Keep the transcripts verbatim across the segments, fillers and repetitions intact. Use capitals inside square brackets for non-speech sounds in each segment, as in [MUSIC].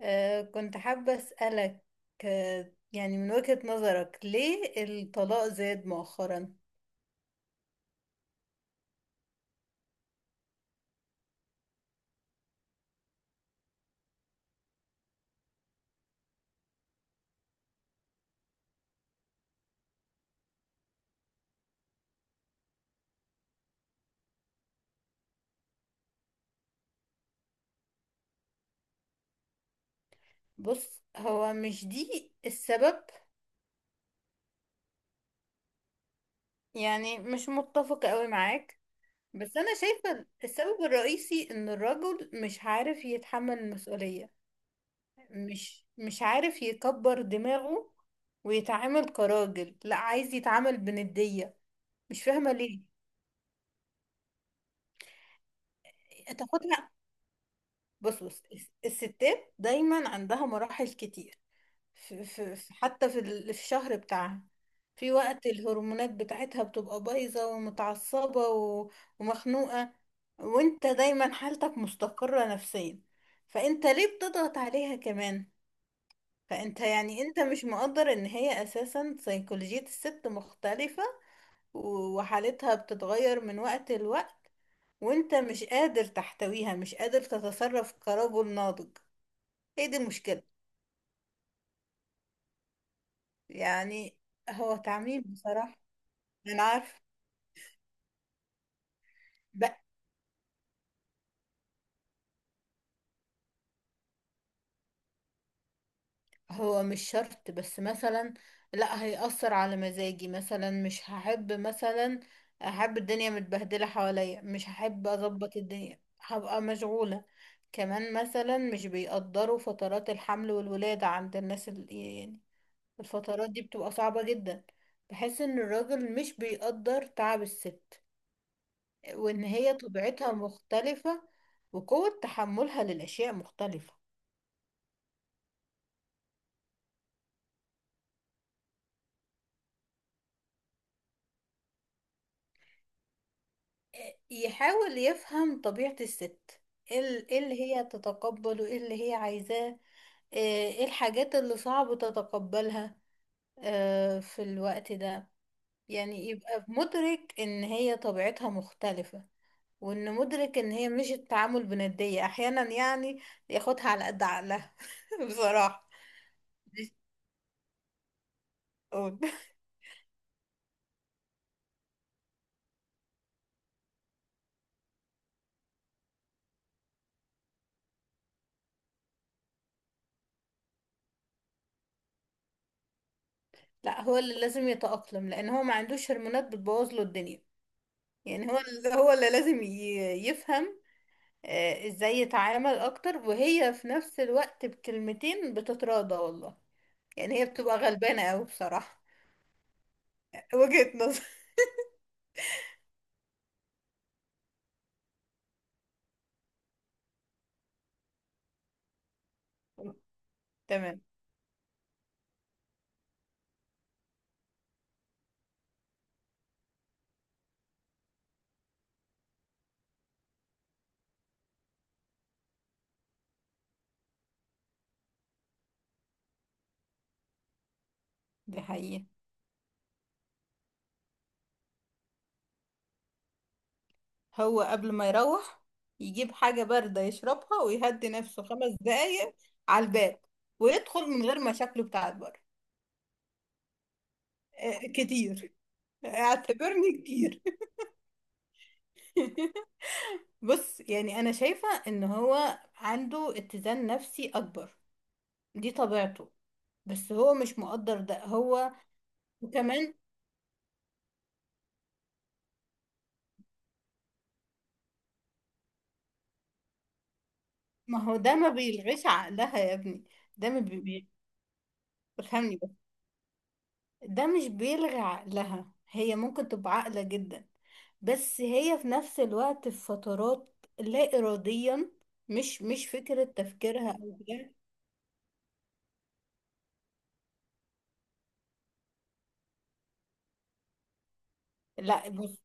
آه، كنت حابة أسألك. آه، يعني من وجهة نظرك ليه الطلاق زاد مؤخرا؟ بص، هو مش دي السبب. يعني مش متفقة قوي معاك. بس أنا شايفة السبب الرئيسي إن الرجل مش عارف يتحمل المسؤولية. مش مش عارف يكبر دماغه ويتعامل كراجل، لا عايز يتعامل بندية. مش فاهمة ليه. تاخدها. بص بص، الس- الستات دايما عندها مراحل كتير. في في في- حتى في ال- في الشهر بتاعها. في وقت الهرمونات بتاعتها بتبقى بايظة ومتعصبة و- ومخنوقة. وانت دايما حالتك مستقرة نفسيا، فانت ليه بتضغط عليها كمان؟ فانت يعني انت مش مقدر ان هي اساسا سيكولوجية الست مختلفة. و- وحالتها بتتغير من وقت لوقت، وانت مش قادر تحتويها، مش قادر تتصرف كرجل ناضج. ايه دي المشكلة. يعني هو تعميم بصراحة. انا عارفة. بقى. هو مش شرط، بس مثلا لا هيأثر على مزاجي، مثلا مش هحب مثلا احب الدنيا متبهدلة حواليا، مش هحب اظبط الدنيا، هبقى مشغولة. كمان مثلا مش بيقدروا فترات الحمل والولادة عند الناس ال- يعني الفترات دي بتبقى صعبة جدا. بحس ان الراجل مش بيقدر تعب الست، وان هي طبيعتها مختلفة، وقوة تحملها للأشياء مختلفة. يحاول يفهم طبيعة الست. ايه ال- إيه اللي هي تتقبله، ايه اللي هي عايزاه. آه، ايه الحاجات اللي صعب تتقبلها آه، في الوقت ده. يعني يبقى مدرك ان هي طبيعتها مختلفة، وان مدرك ان هي مش التعامل بندية احيانا، يعني ياخدها على قد عقلها. [LAUGHS] بصراحة. مش. أقول. لا، هو اللي لازم يتأقلم لان هو ما عندوش هرمونات بتبوظ له الدنيا. يعني هو اللي هو اللي لازم ي- يفهم آه، ازاي يتعامل اكتر، وهي في نفس الوقت بكلمتين بتتراضى والله. يعني هي بتبقى غلبانة اوي بصراحة. [LAUGHS] وجهة نظر. تمام. دي حقيقة. هو قبل ما يروح، يجيب حاجة باردة يشربها ويهدي نفسه خمس دقايق على الباب، ويدخل من غير مشاكله بتاعت بره. آه، كتير. اعتبرني كتير. [LAUGHS] بص، يعني انا شايفة ان هو عنده اتزان نفسي اكبر، دي طبيعته. بس هو مش مقدر ده هو. وكمان، ما هو ده ما بيلغيش عقلها يا ابني. ده ما بي... بي- بيفهمني بس. ده مش بيلغي عقلها، هي ممكن تبقى عاقلة جدا، بس هي في نفس الوقت في فترات لا إراديا. مش مش فكرة تفكيرها أو كده. لا بص،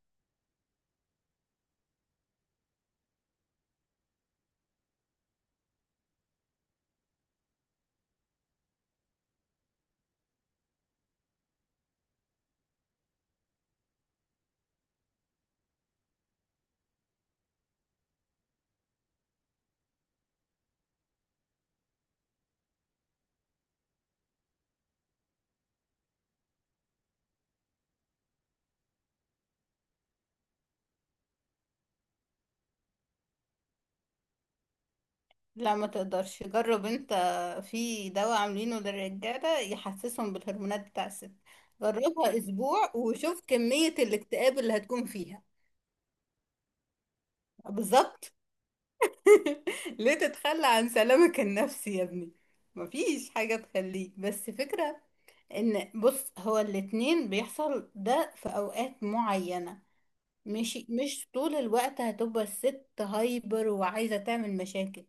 لا ما تقدرش. جرب انت. في دواء عاملينه للرجالة يحسسهم بالهرمونات بتاع الست. جربها أسبوع وشوف كمية الاكتئاب اللي هتكون فيها. بالظبط. [LAUGHS] ليه تتخلى عن سلامك النفسي يا ابني؟ مفيش حاجة تخليك، بس فكرة ان بص، هو الاتنين بيحصل ده في اوقات معينة. مش مش طول الوقت هتبقى الست هايبر وعايزة تعمل مشاكل.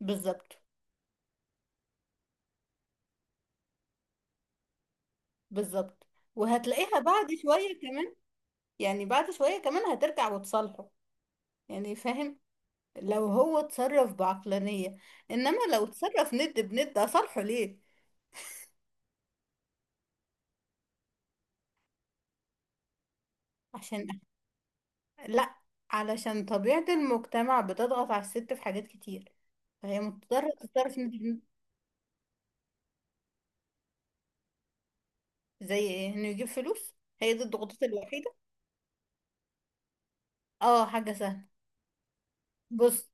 بالظبط. بالظبط. وهتلاقيها بعد شوية كمان، يعني بعد شوية كمان هترجع وتصالحه. يعني فاهم، لو هو اتصرف بعقلانية. انما لو اتصرف ند بند، اصالحه ليه؟ عشان، لا، علشان طبيعة المجتمع بتضغط على الست في حاجات كتير، فهي مضطرة تتصرف. إن- زي ايه، انه يجيب فلوس؟ هي دي الضغوطات الوحيدة؟ اه، حاجة سهلة. بص،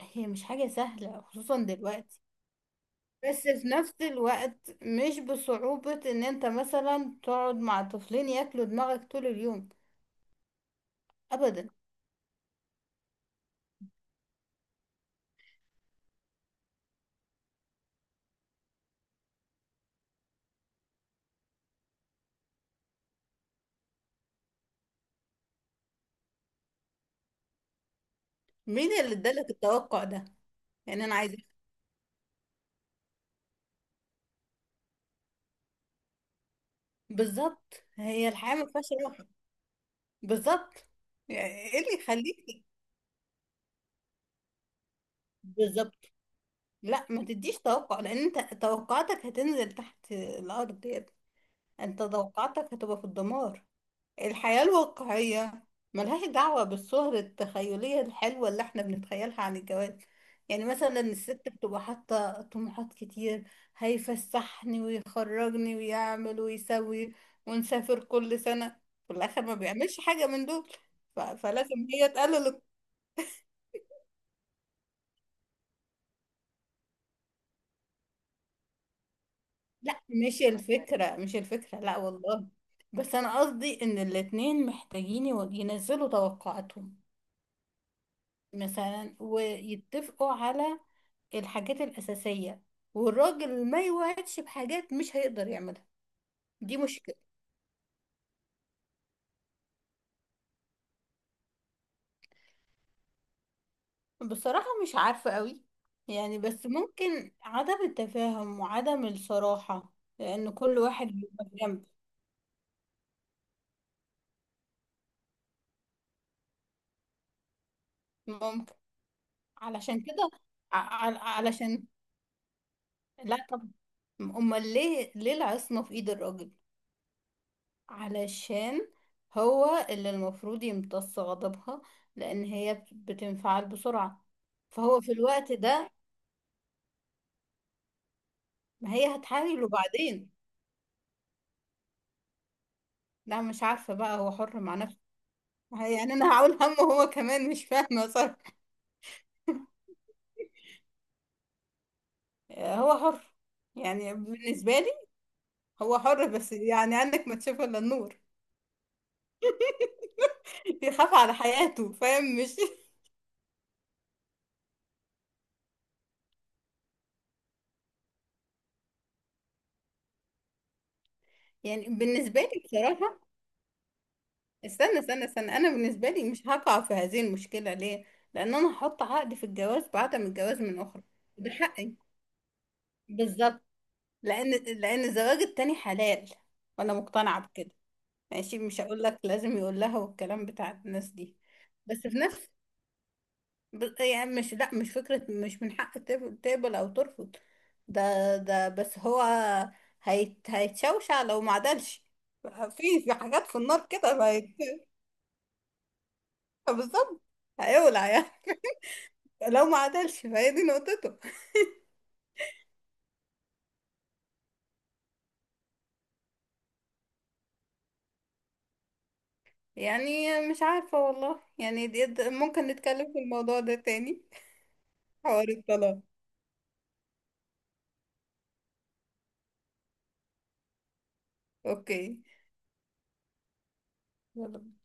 هي مش حاجة سهلة خصوصا دلوقتي، بس في نفس الوقت مش بصعوبة ان انت مثلا تقعد مع طفلين ياكلوا دماغك طول اليوم. ابدا. مين اللي ادالك التوقع ده؟ يعني انا عايزة. بالظبط، هي الحياة ما فيهاش راحة. بالظبط، يعني ايه اللي يخليك. بالظبط. لا، ما تديش توقع، لان انت توقعاتك هتنزل تحت الارض يا ابني. انت توقعاتك هتبقى في الدمار. الحياة الواقعية ملهاش دعوة بالصور التخيلية الحلوة اللي احنا بنتخيلها عن الجواز. يعني مثلا الست بتبقى حاطة طموحات كتير: هيفسحني ويخرجني ويعمل ويسوي، ونسافر كل سنة. في الآخر ما بيعملش حاجة من دول. ف... فلازم هي تقلل. لا، مش الفكرة، مش الفكرة، لا والله. بس أنا قصدي إن الاتنين محتاجين يو- ينزلوا توقعاتهم مثلا، ويتفقوا على الحاجات الأساسية، والراجل ما يوعدش بحاجات مش هيقدر يعملها. دي مشكلة. بصراحة مش عارفة قوي. يعني بس ممكن عدم التفاهم وعدم الصراحة، لأن كل واحد بيبقى جنب. ممكن، علشان كده. ع- ع- علشان، لا طبعا، امال ليه ليه العصمة في ايد الراجل. علشان هو اللي المفروض يمتص غضبها، لان هي بت- بتنفعل بسرعة. فهو في الوقت ده، ما هي هتحايله بعدين. لا، مش عارفة. بقى هو حر مع نفسه. يعني انا هقول همه، هو كمان مش فاهمة صح. [LAUGHS] هو حر، يعني بالنسبة لي هو حر، بس يعني عندك ما تشوف الا النور. [LAUGHS] يخاف على حياته، فاهم مش؟ يعني بالنسبة لي بصراحة، استنى استنى استنى، انا بالنسبه لي مش هقع في هذه المشكله. ليه؟ لان انا هحط عقد في الجواز بعدم الجواز من اخرى. ده حقي. بالظبط. لان لان الزواج التاني حلال، وانا مقتنعه بكده. ماشي، مش هقول لك لازم يقول لها والكلام بتاع الناس دي. بس في نفس. ب- يعني مش، لا مش فكره، مش من حق تب- تقبل او ترفض. ده ده بس هو هيت هيتشوشع لو ما عدلش. في في حاجات في النار كده هيت- بالظبط. هيولع يعني، لو ما عدلش، فهي دي نقطته. يعني مش عارفة والله. يعني دي دي- ممكن نتكلم في الموضوع ده تاني. حوار الطلاق. اوكي. يلا.